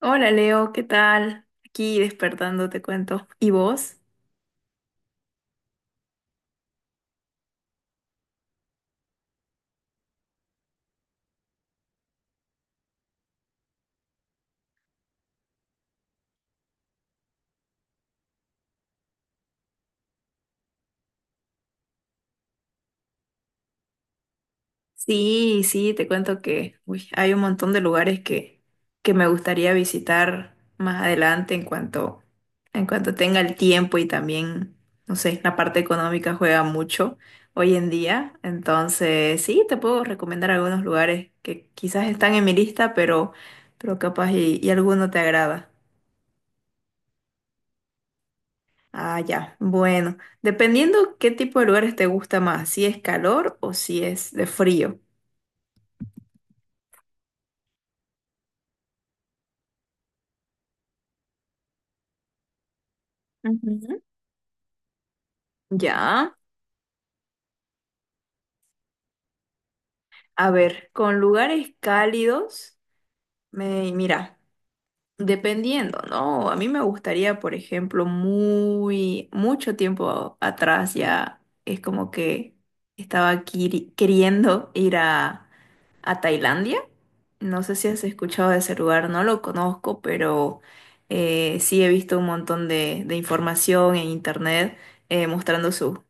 Hola Leo, ¿qué tal? Aquí despertando, te cuento. ¿Y vos? Sí, sí, te cuento que uy, hay un montón de lugares que me gustaría visitar más adelante en cuanto tenga el tiempo y también, no sé, la parte económica juega mucho hoy en día. Entonces, sí, te puedo recomendar algunos lugares que quizás están en mi lista, pero capaz y alguno te agrada. Ah, ya. Bueno, dependiendo qué tipo de lugares te gusta más, si es calor o si es de frío. Ujú. Ya. A ver, con lugares cálidos, mira, dependiendo, ¿no? A mí me gustaría, por ejemplo, mucho tiempo atrás ya es como que estaba queriendo ir a Tailandia. No sé si has escuchado de ese lugar, no lo conozco, pero sí he visto un montón de información en internet, mostrando su-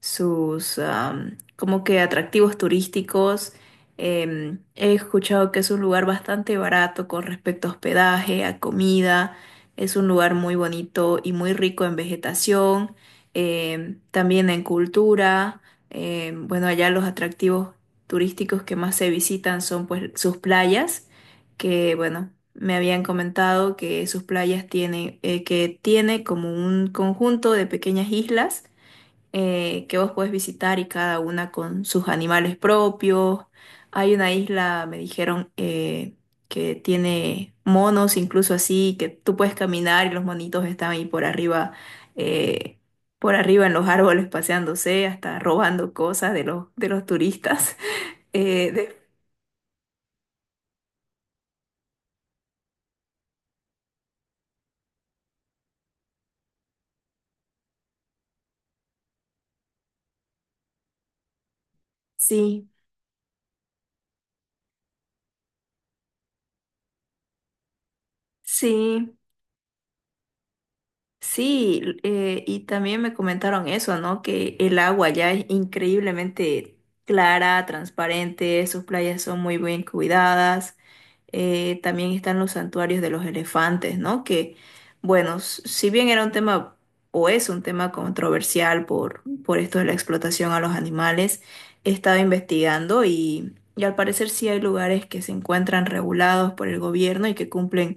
sus am, como que atractivos turísticos. He escuchado que es un lugar bastante barato con respecto a hospedaje, a comida. Es un lugar muy bonito y muy rico en vegetación, también en cultura. Em, bueno, allá los atractivos turísticos que más se visitan son pues sus playas, que bueno, me habían comentado que sus playas tienen, que tiene como un conjunto de pequeñas islas que vos puedes visitar y cada una con sus animales propios. Hay una isla, me dijeron, que tiene monos, incluso así, que tú puedes caminar y los monitos están ahí por arriba. eh, por arriba en los árboles paseándose, hasta robando cosas de los turistas. Eh, de- sí, sí, sí, y también me comentaron eso, ¿no? Que el agua ya es increíblemente clara, transparente, sus playas son muy bien cuidadas. También están los santuarios de los elefantes, ¿no? Que, bueno, si bien era un tema o es un tema controversial por esto de la explotación a los animales, he estado investigando y al parecer sí hay lugares que se encuentran regulados por el gobierno y que cumplen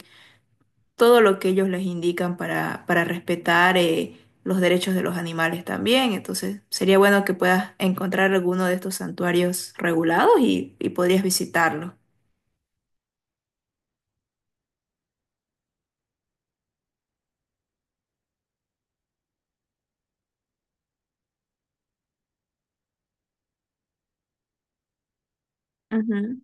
todo lo que ellos les indican para respetar los derechos de los animales también. Entonces, sería bueno que puedas encontrar alguno de estos santuarios regulados y podrías visitarlo. Ujú.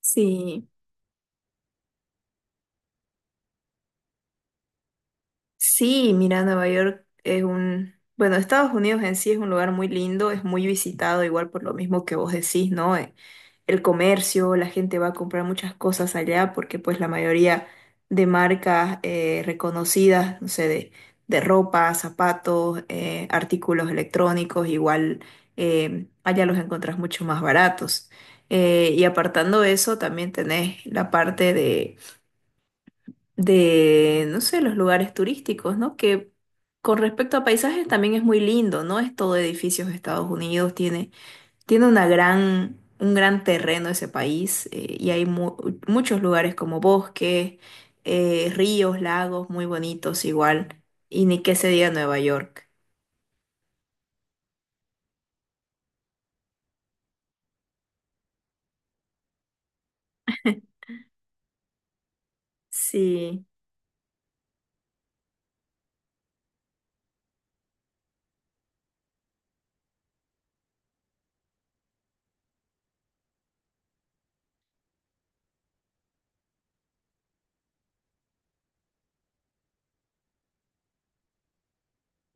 Sí. Sí, mira, Nueva York es un, bueno, Estados Unidos en sí es un lugar muy lindo, es muy visitado, igual por lo mismo que vos decís, ¿no? El comercio, la gente va a comprar muchas cosas allá porque pues la mayoría de marcas, reconocidas, no sé, de ropa, zapatos, artículos electrónicos, igual allá los encontrás mucho más baratos. Y apartando eso, también tenés la parte de no sé, los lugares turísticos, ¿no? Que con respecto a paisajes también es muy lindo, ¿no? Es todo edificios de Estados Unidos, tiene una gran, un gran terreno ese país, y hay muchos lugares como bosques, ríos, lagos muy bonitos igual, y ni qué se diga Nueva York. Sí.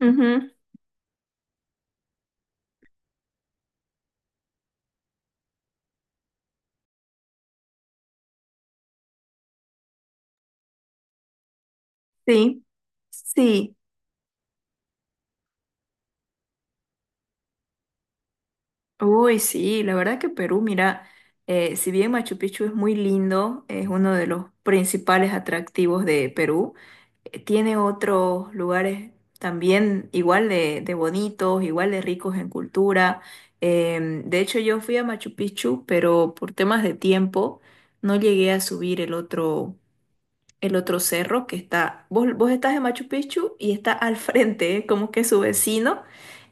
Ujú. Sí, sí. Uy, sí, la verdad que Perú, mira, si bien Machu Picchu es muy lindo, es uno de los principales atractivos de Perú, tiene otros lugares también igual de bonitos, igual de ricos en cultura. Em, de hecho, yo fui a Machu Picchu, pero por temas de tiempo no llegué a subir el otro cerro que está, vos estás en Machu Picchu y está al frente, ¿eh? Como que su vecino.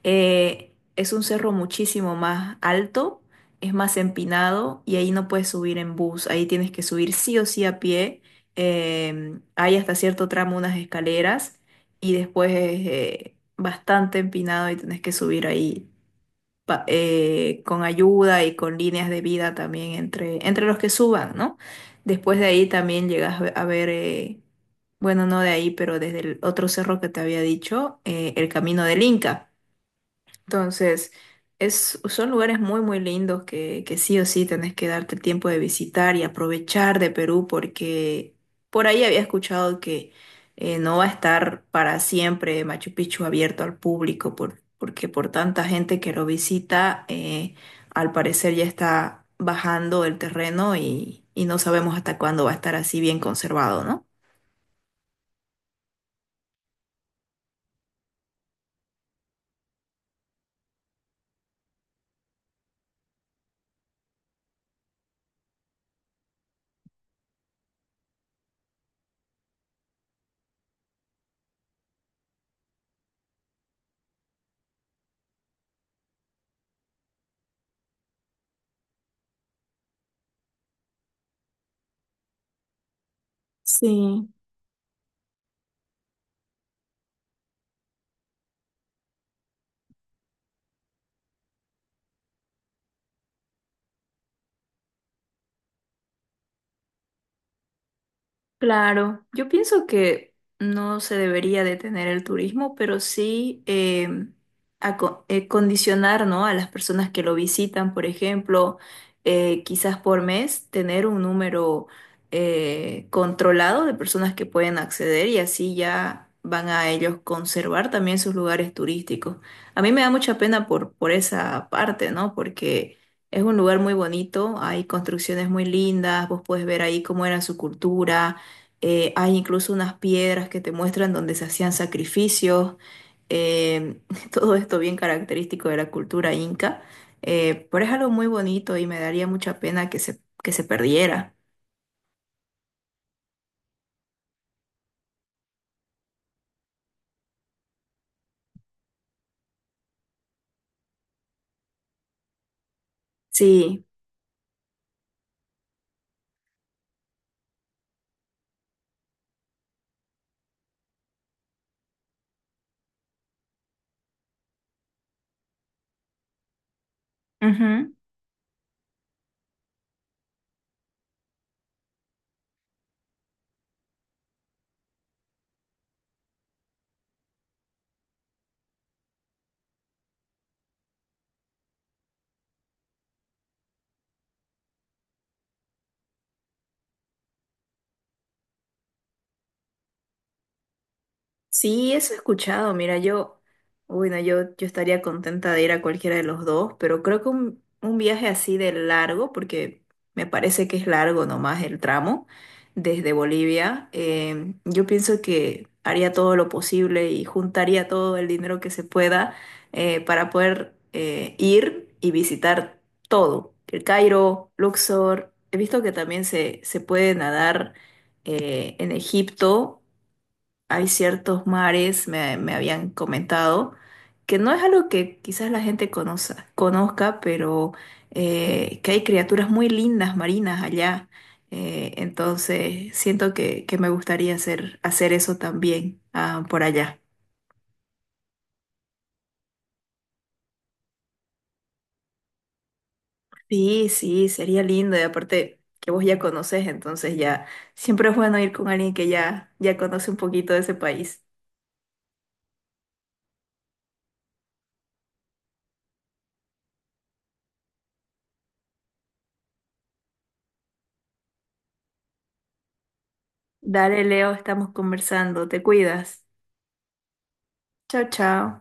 Es un cerro muchísimo más alto, es más empinado y ahí no puedes subir en bus, ahí tienes que subir sí o sí a pie. Hay hasta cierto tramo unas escaleras y después es, bastante empinado y tenés que subir ahí con ayuda y con líneas de vida también entre los que suban, ¿no? Después de ahí también llegas a ver, bueno, no de ahí, pero desde el otro cerro que te había dicho, el Camino del Inca. Entonces, son lugares muy, muy lindos que sí o sí tenés que darte el tiempo de visitar y aprovechar de Perú porque por ahí había escuchado que, no va a estar para siempre Machu Picchu abierto al público porque por tanta gente que lo visita, al parecer ya está bajando el terreno y no sabemos hasta cuándo va a estar así bien conservado, ¿no? Sí. Claro, yo pienso que no se debería detener el turismo, pero sí, condicionar, ¿no? A las personas que lo visitan, por ejemplo, quizás por mes, tener un número, controlado de personas que pueden acceder y así ya van a ellos conservar también sus lugares turísticos. A mí me da mucha pena por esa parte, ¿no? Porque... Es un lugar muy bonito, hay construcciones muy lindas, vos puedes ver ahí cómo era su cultura, hay incluso unas piedras que te muestran donde se hacían sacrificios, eh, todo esto bien característico de la cultura inca, pero es algo muy bonito y me daría mucha pena que se perdiera. Sí. Ujú. Sí, eso he escuchado. Mira, yo, bueno, yo estaría contenta de ir a cualquiera de los dos, pero creo que un viaje así de largo, porque me parece que es largo nomás el tramo desde Bolivia, yo pienso que haría todo lo posible y juntaría todo el dinero que se pueda, para poder, ir y visitar todo. El Cairo, Luxor, he visto que también se puede nadar, en Egipto hay ciertos mares, me habían comentado, que no es algo que quizás la gente conozca, pero que hay criaturas muy lindas marinas allá. Entonces, siento que me gustaría hacer eso también ah, por allá. Sí, sí, sería lindo. Y aparte que vos ya conoces, entonces ya siempre es bueno ir con alguien que ya conoce un poquito de ese país. Dale, Leo, estamos conversando. Te cuidas. Chao, chao.